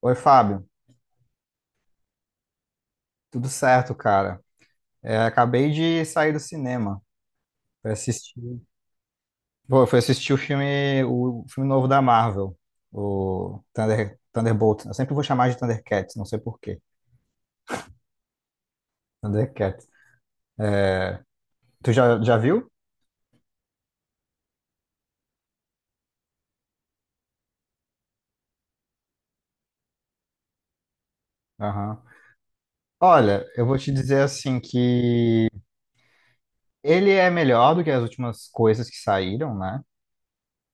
Oi, Fábio. Tudo certo, cara? É, acabei de sair do cinema. Fui assistir, pô, eu fui assistir o filme novo da Marvel, o Thunderbolt. Eu sempre vou chamar de Thundercats, não sei por quê. Thundercats. Tu já viu? Aham. Olha, eu vou te dizer assim que ele é melhor do que as últimas coisas que saíram, né?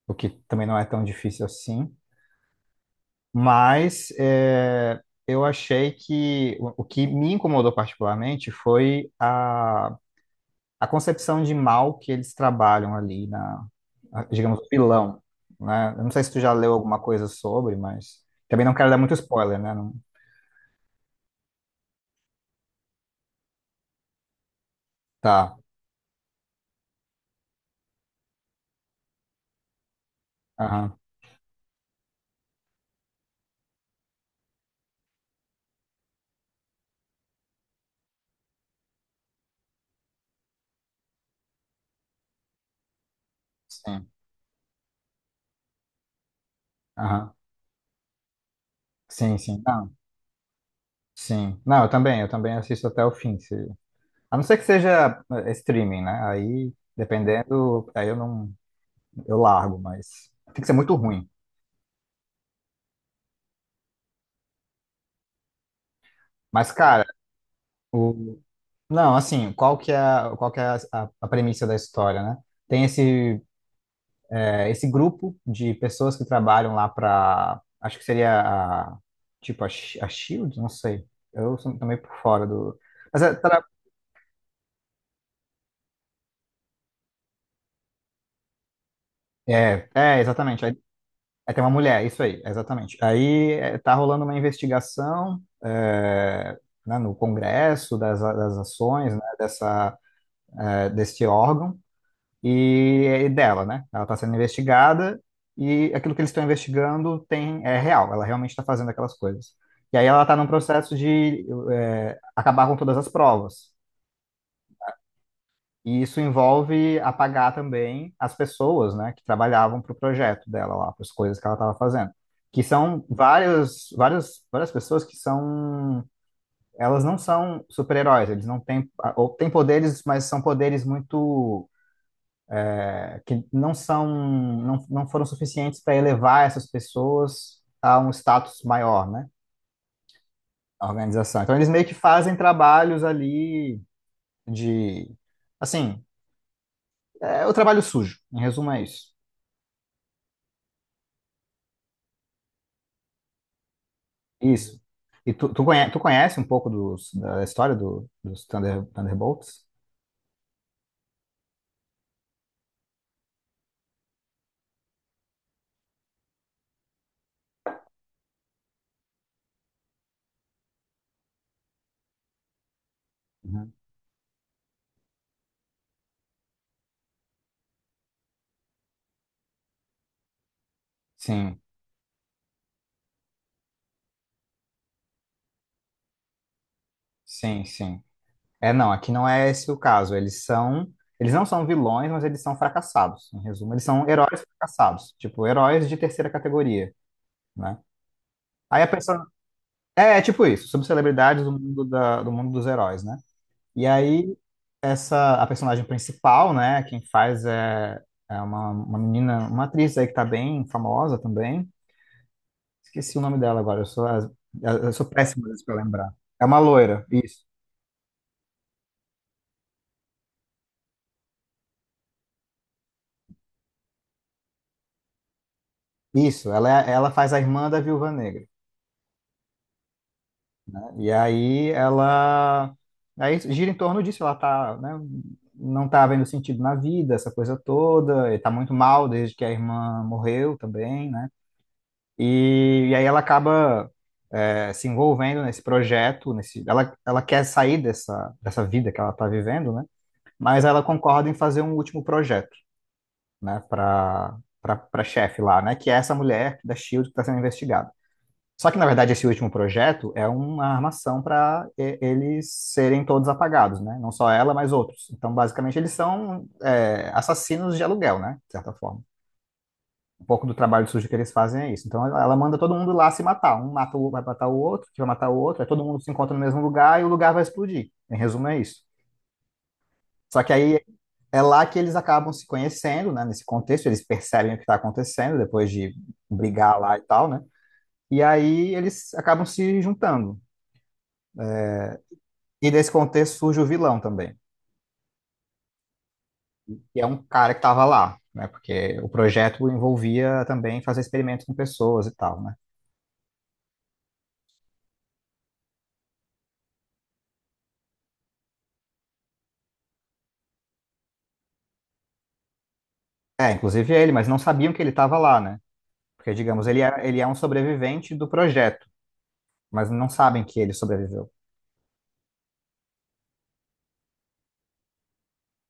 O que também não é tão difícil assim. Mas é, eu achei que o que me incomodou particularmente foi a concepção de mal que eles trabalham ali na, digamos, o vilão, né? Eu não sei se tu já leu alguma coisa sobre, mas também não quero dar muito spoiler, né? Não. Tá. Aham. Sim. Aham. Sim, sim. Não. Sim. Não, eu também assisto até o fim, se... A não ser que seja streaming, né? Aí, dependendo, aí eu não, eu largo, mas tem que ser muito ruim. Mas, cara, o... Não, assim, qual que é, qual que é a, a premissa da história, né? Tem esse é, esse grupo de pessoas que trabalham lá para, acho que seria a, tipo a, a Shield, não sei. Eu sou também por fora do. Mas é, é, é, exatamente. Aí, aí tem uma mulher, isso aí, exatamente. Aí é, tá rolando uma investigação né, no Congresso das, das ações, né, dessa, é, desse órgão. E dela, né? Ela está sendo investigada e aquilo que eles estão investigando tem é real, ela realmente está fazendo aquelas coisas. E aí ela está num processo de é, acabar com todas as provas. E isso envolve apagar também as pessoas, né, que trabalhavam para o projeto dela lá, para as coisas que ela estava fazendo. Que são várias, várias pessoas que são elas não são super-heróis, eles não têm, ou têm poderes, mas são poderes muito que não são, não foram suficientes para elevar essas pessoas a um status maior, né? A organização. Então eles meio que fazem trabalhos ali de, assim, é o trabalho sujo. Em resumo é isso. Isso. E conhece, tu conhece um pouco dos, da história do, dos Thunderbolts? Uhum. Sim, sim, sim. É, não, aqui não é esse o caso. Eles são, eles não são vilões, mas eles são fracassados. Em resumo, eles são heróis fracassados, tipo heróis de terceira categoria. Né? Aí a pessoa. É, é tipo isso, sobre celebridades do mundo, da, do mundo dos heróis, né? E aí, essa, a personagem principal, né? Quem faz é, é uma menina, uma atriz aí que tá bem famosa também. Esqueci o nome dela agora, eu sou, eu sou péssimo para lembrar. É uma loira, isso. Isso, ela, ela faz a irmã da Viúva Negra. E aí ela aí gira em torno disso, ela tá, né, não tá vendo sentido na vida, essa coisa toda, e tá muito mal desde que a irmã morreu também, né? E aí ela acaba é, se envolvendo nesse projeto, nesse, ela quer sair dessa, dessa vida que ela tá vivendo, né? Mas ela concorda em fazer um último projeto, né, para para chefe lá, né, que é essa mulher da Shield que está sendo investigada. Só que, na verdade, esse último projeto é uma armação para eles serem todos apagados, né? Não só ela, mas outros. Então, basicamente, eles são é, assassinos de aluguel, né? De certa forma. Um pouco do trabalho sujo que eles fazem é isso. Então, ela manda todo mundo lá se matar. Um mata o, vai matar o outro, que vai matar o outro. Aí todo mundo se encontra no mesmo lugar e o lugar vai explodir. Em resumo, é isso. Só que aí é lá que eles acabam se conhecendo, né? Nesse contexto, eles percebem o que está acontecendo depois de brigar lá e tal, né? E aí eles acabam se juntando. E desse contexto surge o vilão também, que é um cara que estava lá, né? Porque o projeto envolvia também fazer experimentos com pessoas e tal, né? É, inclusive ele, mas não sabiam que ele estava lá, né? Porque, digamos, ele é um sobrevivente do projeto, mas não sabem que ele sobreviveu.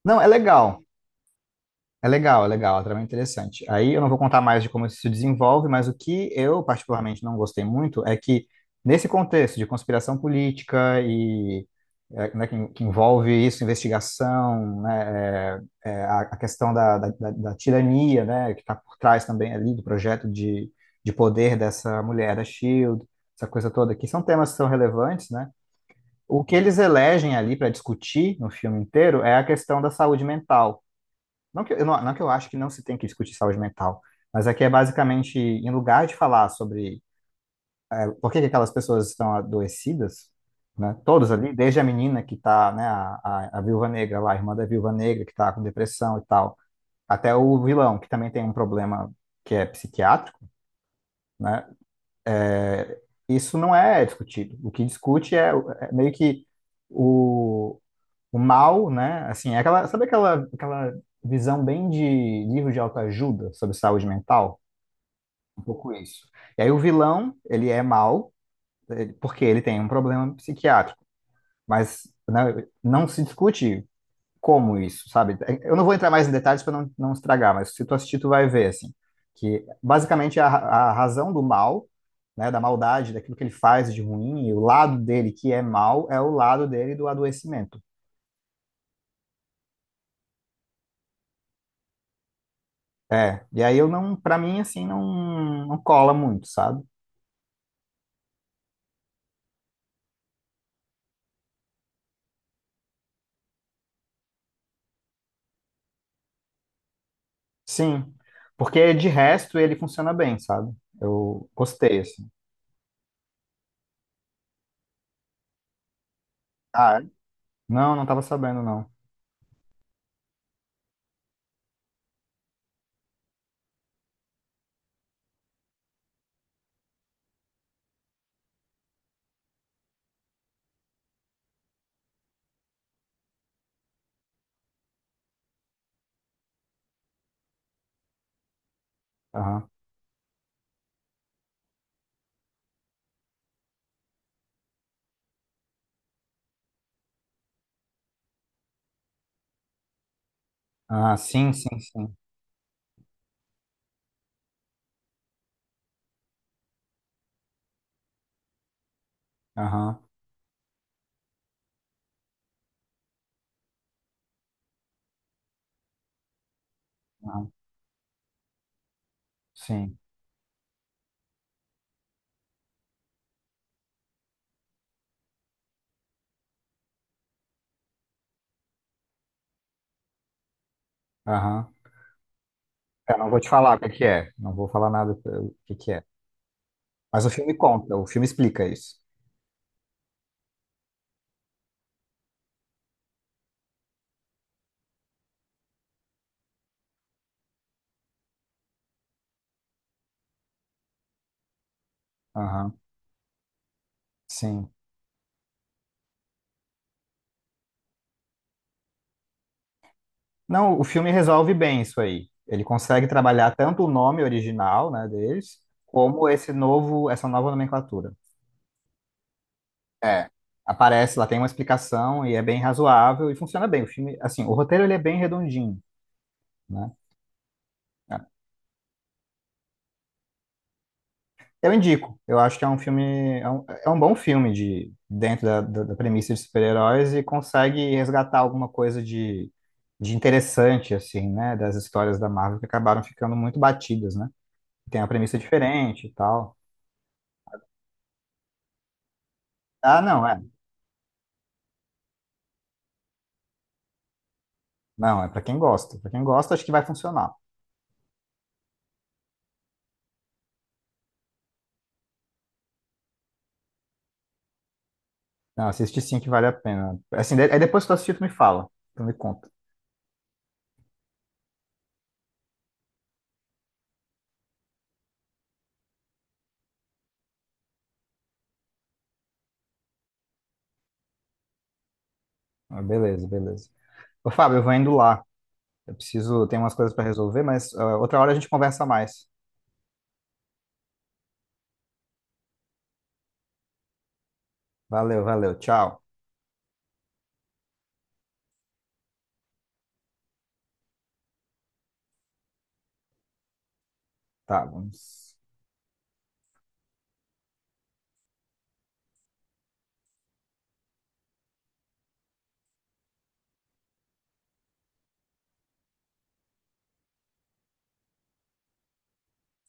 Não, é legal. É legal, é legal, a trama é interessante. Aí eu não vou contar mais de como isso se desenvolve, mas o que eu particularmente não gostei muito é que, nesse contexto de conspiração política e é, né, que envolve isso, investigação, né, é, é, a questão da, da, da tirania, né, que está por trás também ali do projeto de poder dessa mulher da Shield, essa coisa toda, que são temas que são relevantes, né? O que eles elegem ali para discutir no filme inteiro é a questão da saúde mental não que, eu não, não que eu acho que não se tem que discutir saúde mental, mas aqui é basicamente, em lugar de falar sobre por que que aquelas pessoas estão adoecidas, né, todos ali, desde a menina que está, né, a viúva negra lá, a irmã da viúva negra que está com depressão e tal, até o vilão, que também tem um problema que é psiquiátrico, né, é, isso não é discutido. O que discute é, é meio que o, o mal, né, assim, é aquela, sabe aquela, aquela visão bem de livro de autoajuda sobre saúde mental? Um pouco isso. E aí o vilão, ele é mau, porque ele tem um problema psiquiátrico, mas né, não se discute como isso, sabe? Eu não vou entrar mais em detalhes para não, não estragar, mas se tu assistir, tu vai ver, assim, que basicamente a razão do mal, né, da maldade, daquilo que ele faz de ruim, e o lado dele que é mal, é o lado dele do adoecimento. É, e aí eu não, para mim, assim, não, não cola muito, sabe? Sim, porque de resto ele funciona bem, sabe? Eu gostei, assim. Ah, é? Não, não tava sabendo, não. Aham. Ah, sim, sim, sim. Aham, aham, sim. Aham. Eu não vou te falar o que que é. Não vou falar nada o que que é. Mas o filme conta, o filme explica isso. Aham, sim. Não, o filme resolve bem isso aí. Ele consegue trabalhar tanto o nome original, né, deles, como esse novo, essa nova nomenclatura. É. Aparece lá, tem uma explicação e é bem razoável e funciona bem. O filme, assim, o roteiro ele é bem redondinho, né? Eu indico. Eu acho que é um filme, é um bom filme de dentro da, da, da premissa de super-heróis e consegue resgatar alguma coisa de interessante, assim, né? Das histórias da Marvel que acabaram ficando muito batidas, né? Tem uma premissa diferente e tal. Ah, não, é. Não, é pra quem gosta. Pra quem gosta, acho que vai funcionar. Não, assiste sim que vale a pena. Assim, aí depois que tu assistir, tu me fala. Tu me conta. Ah, beleza, beleza. Ô, Fábio, eu vou indo lá. Eu preciso, tem umas coisas pra resolver, mas ah, outra hora a gente conversa mais. Valeu, valeu. Tchau. Tá, vamos.